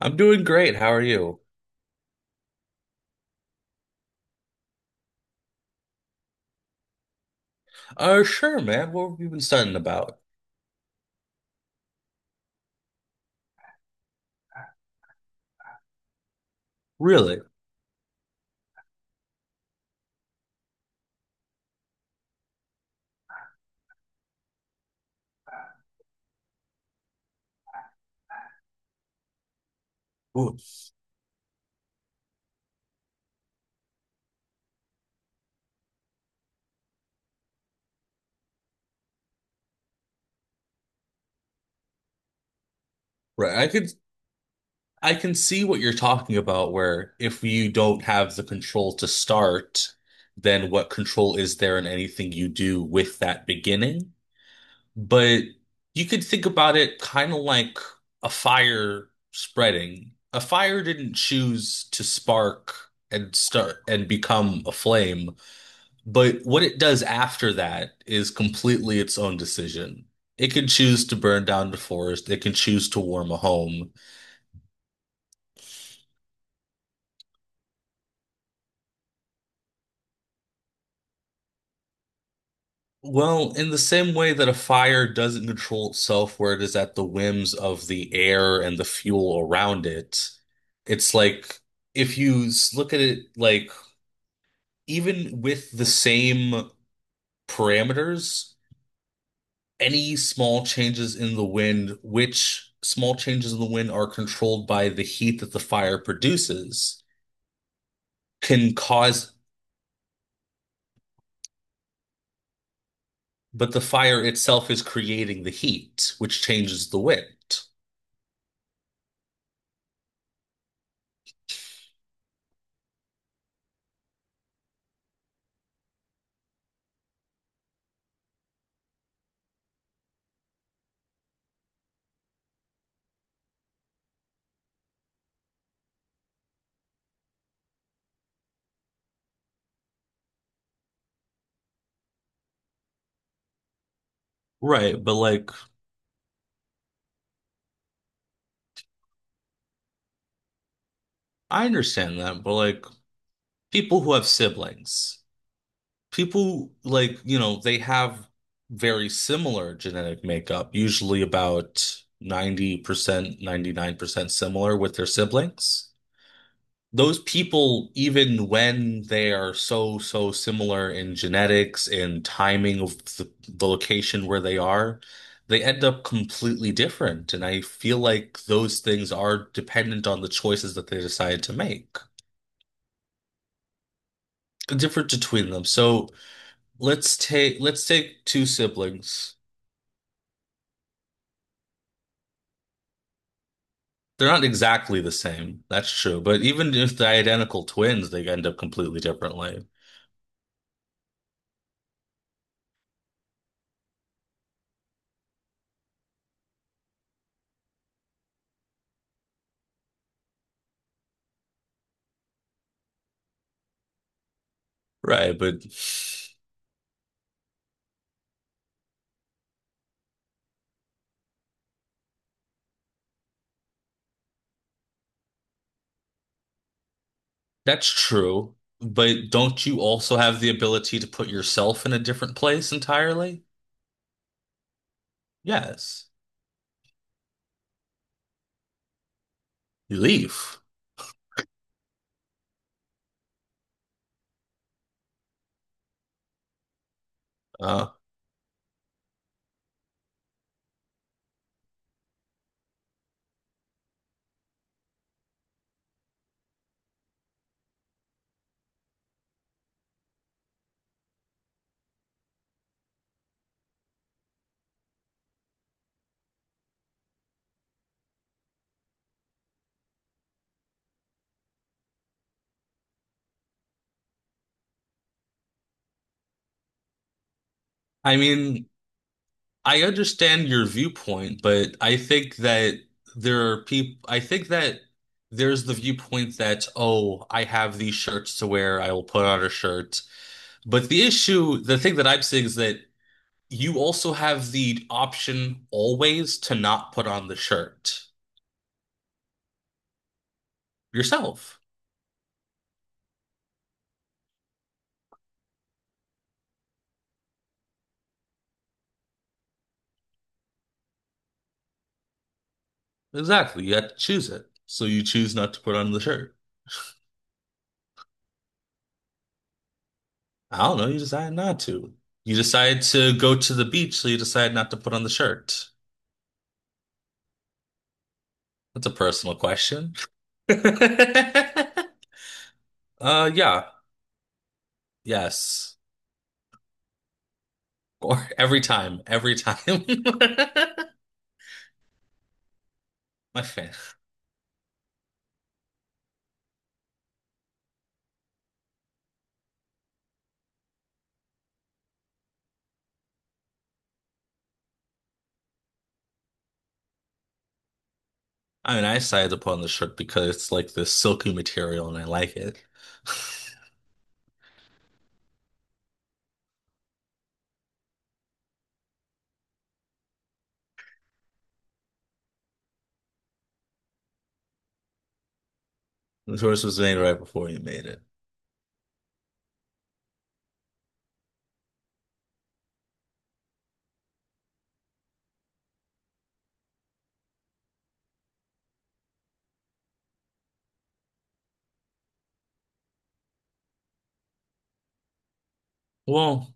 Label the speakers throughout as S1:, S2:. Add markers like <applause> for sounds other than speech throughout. S1: I'm doing great. How are you? Sure, man. What have you been studying about? Really? Ooh. Right. I can see what you're talking about where if you don't have the control to start, then what control is there in anything you do with that beginning? But you could think about it kind of like a fire spreading. A fire didn't choose to spark and start and become a flame. But what it does after that is completely its own decision. It can choose to burn down the forest, it can choose to warm a home. Well, in the same way that a fire doesn't control itself, where it is at the whims of the air and the fuel around it, it's like if you look at it like even with the same parameters, any small changes in the wind, which small changes in the wind are controlled by the heat that the fire produces can cause, but the fire itself is creating the heat, which changes the wind. Right, but like I understand that, but like people who have siblings, people like, they have very similar genetic makeup, usually about 90%, 99% similar with their siblings. Those people, even when they are so, so similar in genetics and timing of the location where they are, they end up completely different. And I feel like those things are dependent on the choices that they decide to make, different between them. So let's take two siblings. They're not exactly the same. That's true. But even if they're identical twins, they end up completely differently. Right, but that's true, but don't you also have the ability to put yourself in a different place entirely? Yes. You leave. Uh, I mean, I understand your viewpoint, but I think that there are people, I think that there's the viewpoint that, oh, I have these shirts to wear, I will put on a shirt. But the issue, the thing that I'm saying is that you also have the option always to not put on the shirt yourself. Exactly. You had to choose it. So you choose not to put on the shirt. I don't know. You decide not to. You decide to go to the beach, so you decide not to put on the shirt. That's a personal question. <laughs> Yeah. Yes. Or every time. Every time. <laughs> My fan. I mean, I decided to put on the shirt because it's like this silky material and I like it. <laughs> The choice was made right before you made it. Well,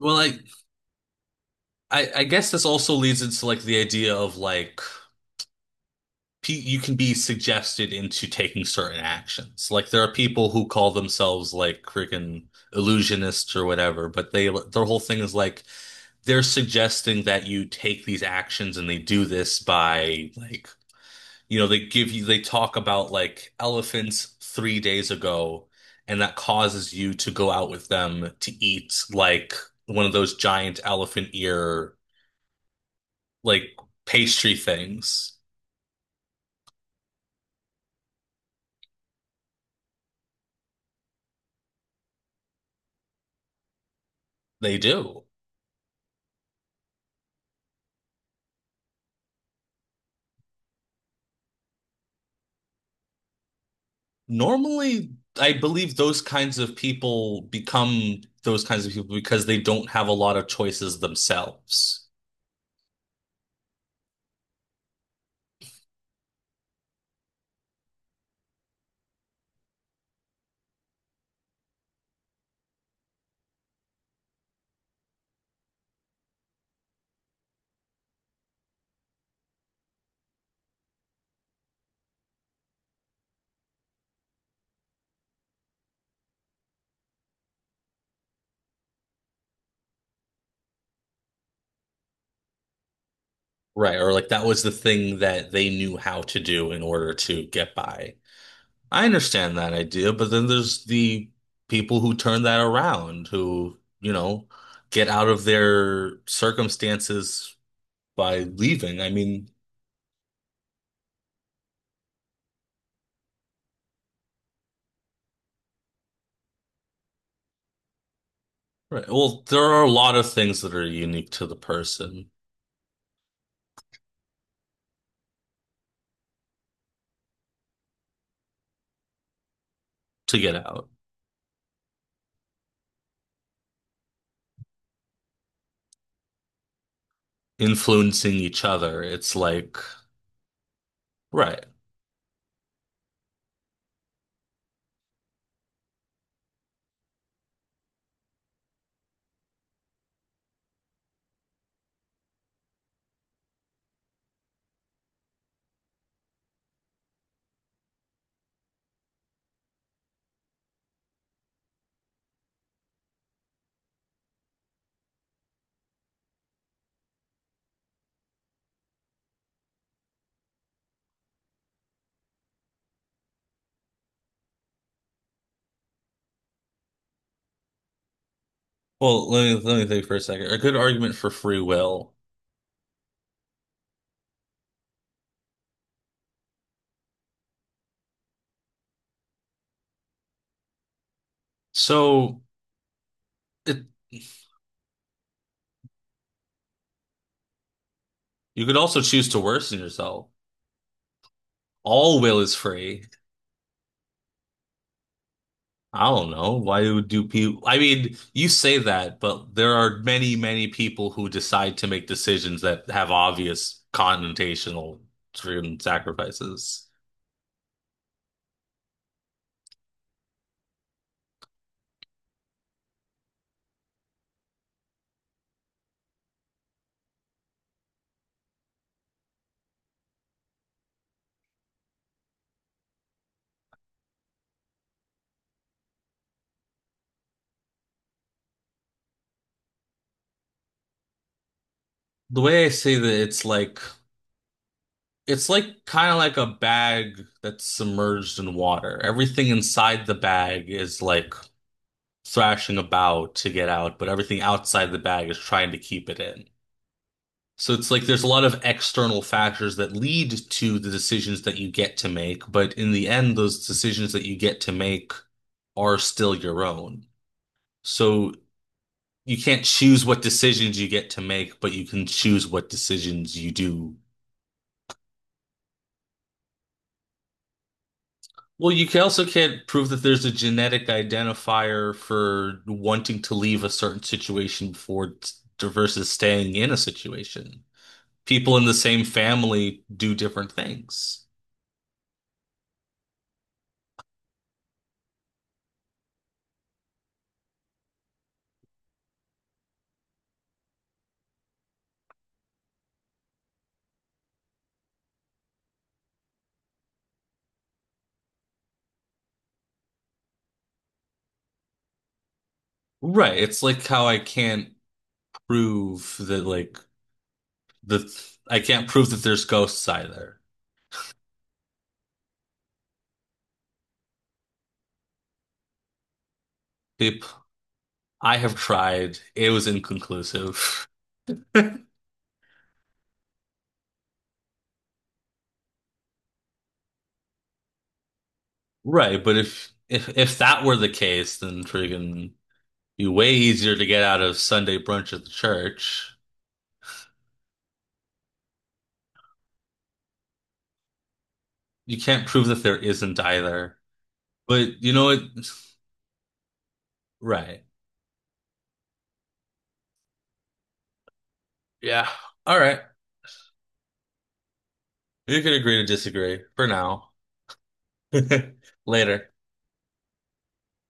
S1: well, like I guess this also leads into like the idea of like you can be suggested into taking certain actions. Like there are people who call themselves like freaking illusionists or whatever, but they their whole thing is like they're suggesting that you take these actions and they do this by like they give you they talk about like elephants 3 days ago and that causes you to go out with them to eat like one of those giant elephant ear like pastry things. They do. Normally, I believe those kinds of people become those kinds of people because they don't have a lot of choices themselves. Right. Or like that was the thing that they knew how to do in order to get by. I understand that idea, but then there's the people who turn that around, who, get out of their circumstances by leaving. I mean, right. Well, there are a lot of things that are unique to the person to get out. Influencing each other. It's like, right. Well, let me think for a second. A good argument for free will. So it you could also choose to worsen yourself. All will is free. I don't know. Why do people I mean, you say that, but there are many, many people who decide to make decisions that have obvious connotational driven sacrifices. The way I say that it's like kind of like a bag that's submerged in water. Everything inside the bag is like thrashing about to get out, but everything outside the bag is trying to keep it in. So it's like there's a lot of external factors that lead to the decisions that you get to make, but in the end, those decisions that you get to make are still your own. So you can't choose what decisions you get to make, but you can choose what decisions you do. Well, you can also can't prove that there's a genetic identifier for wanting to leave a certain situation for versus staying in a situation. People in the same family do different things. Right. It's like how I can't prove that like the I can't prove that there's ghosts either. Peep, I have tried. It was inconclusive. <laughs> Right, but if that were the case, then friggin' be way easier to get out of Sunday brunch at the church. You can't prove that there isn't either. But you know what? <sighs> Right. Yeah. All right. You can agree to disagree for now. <laughs> Later.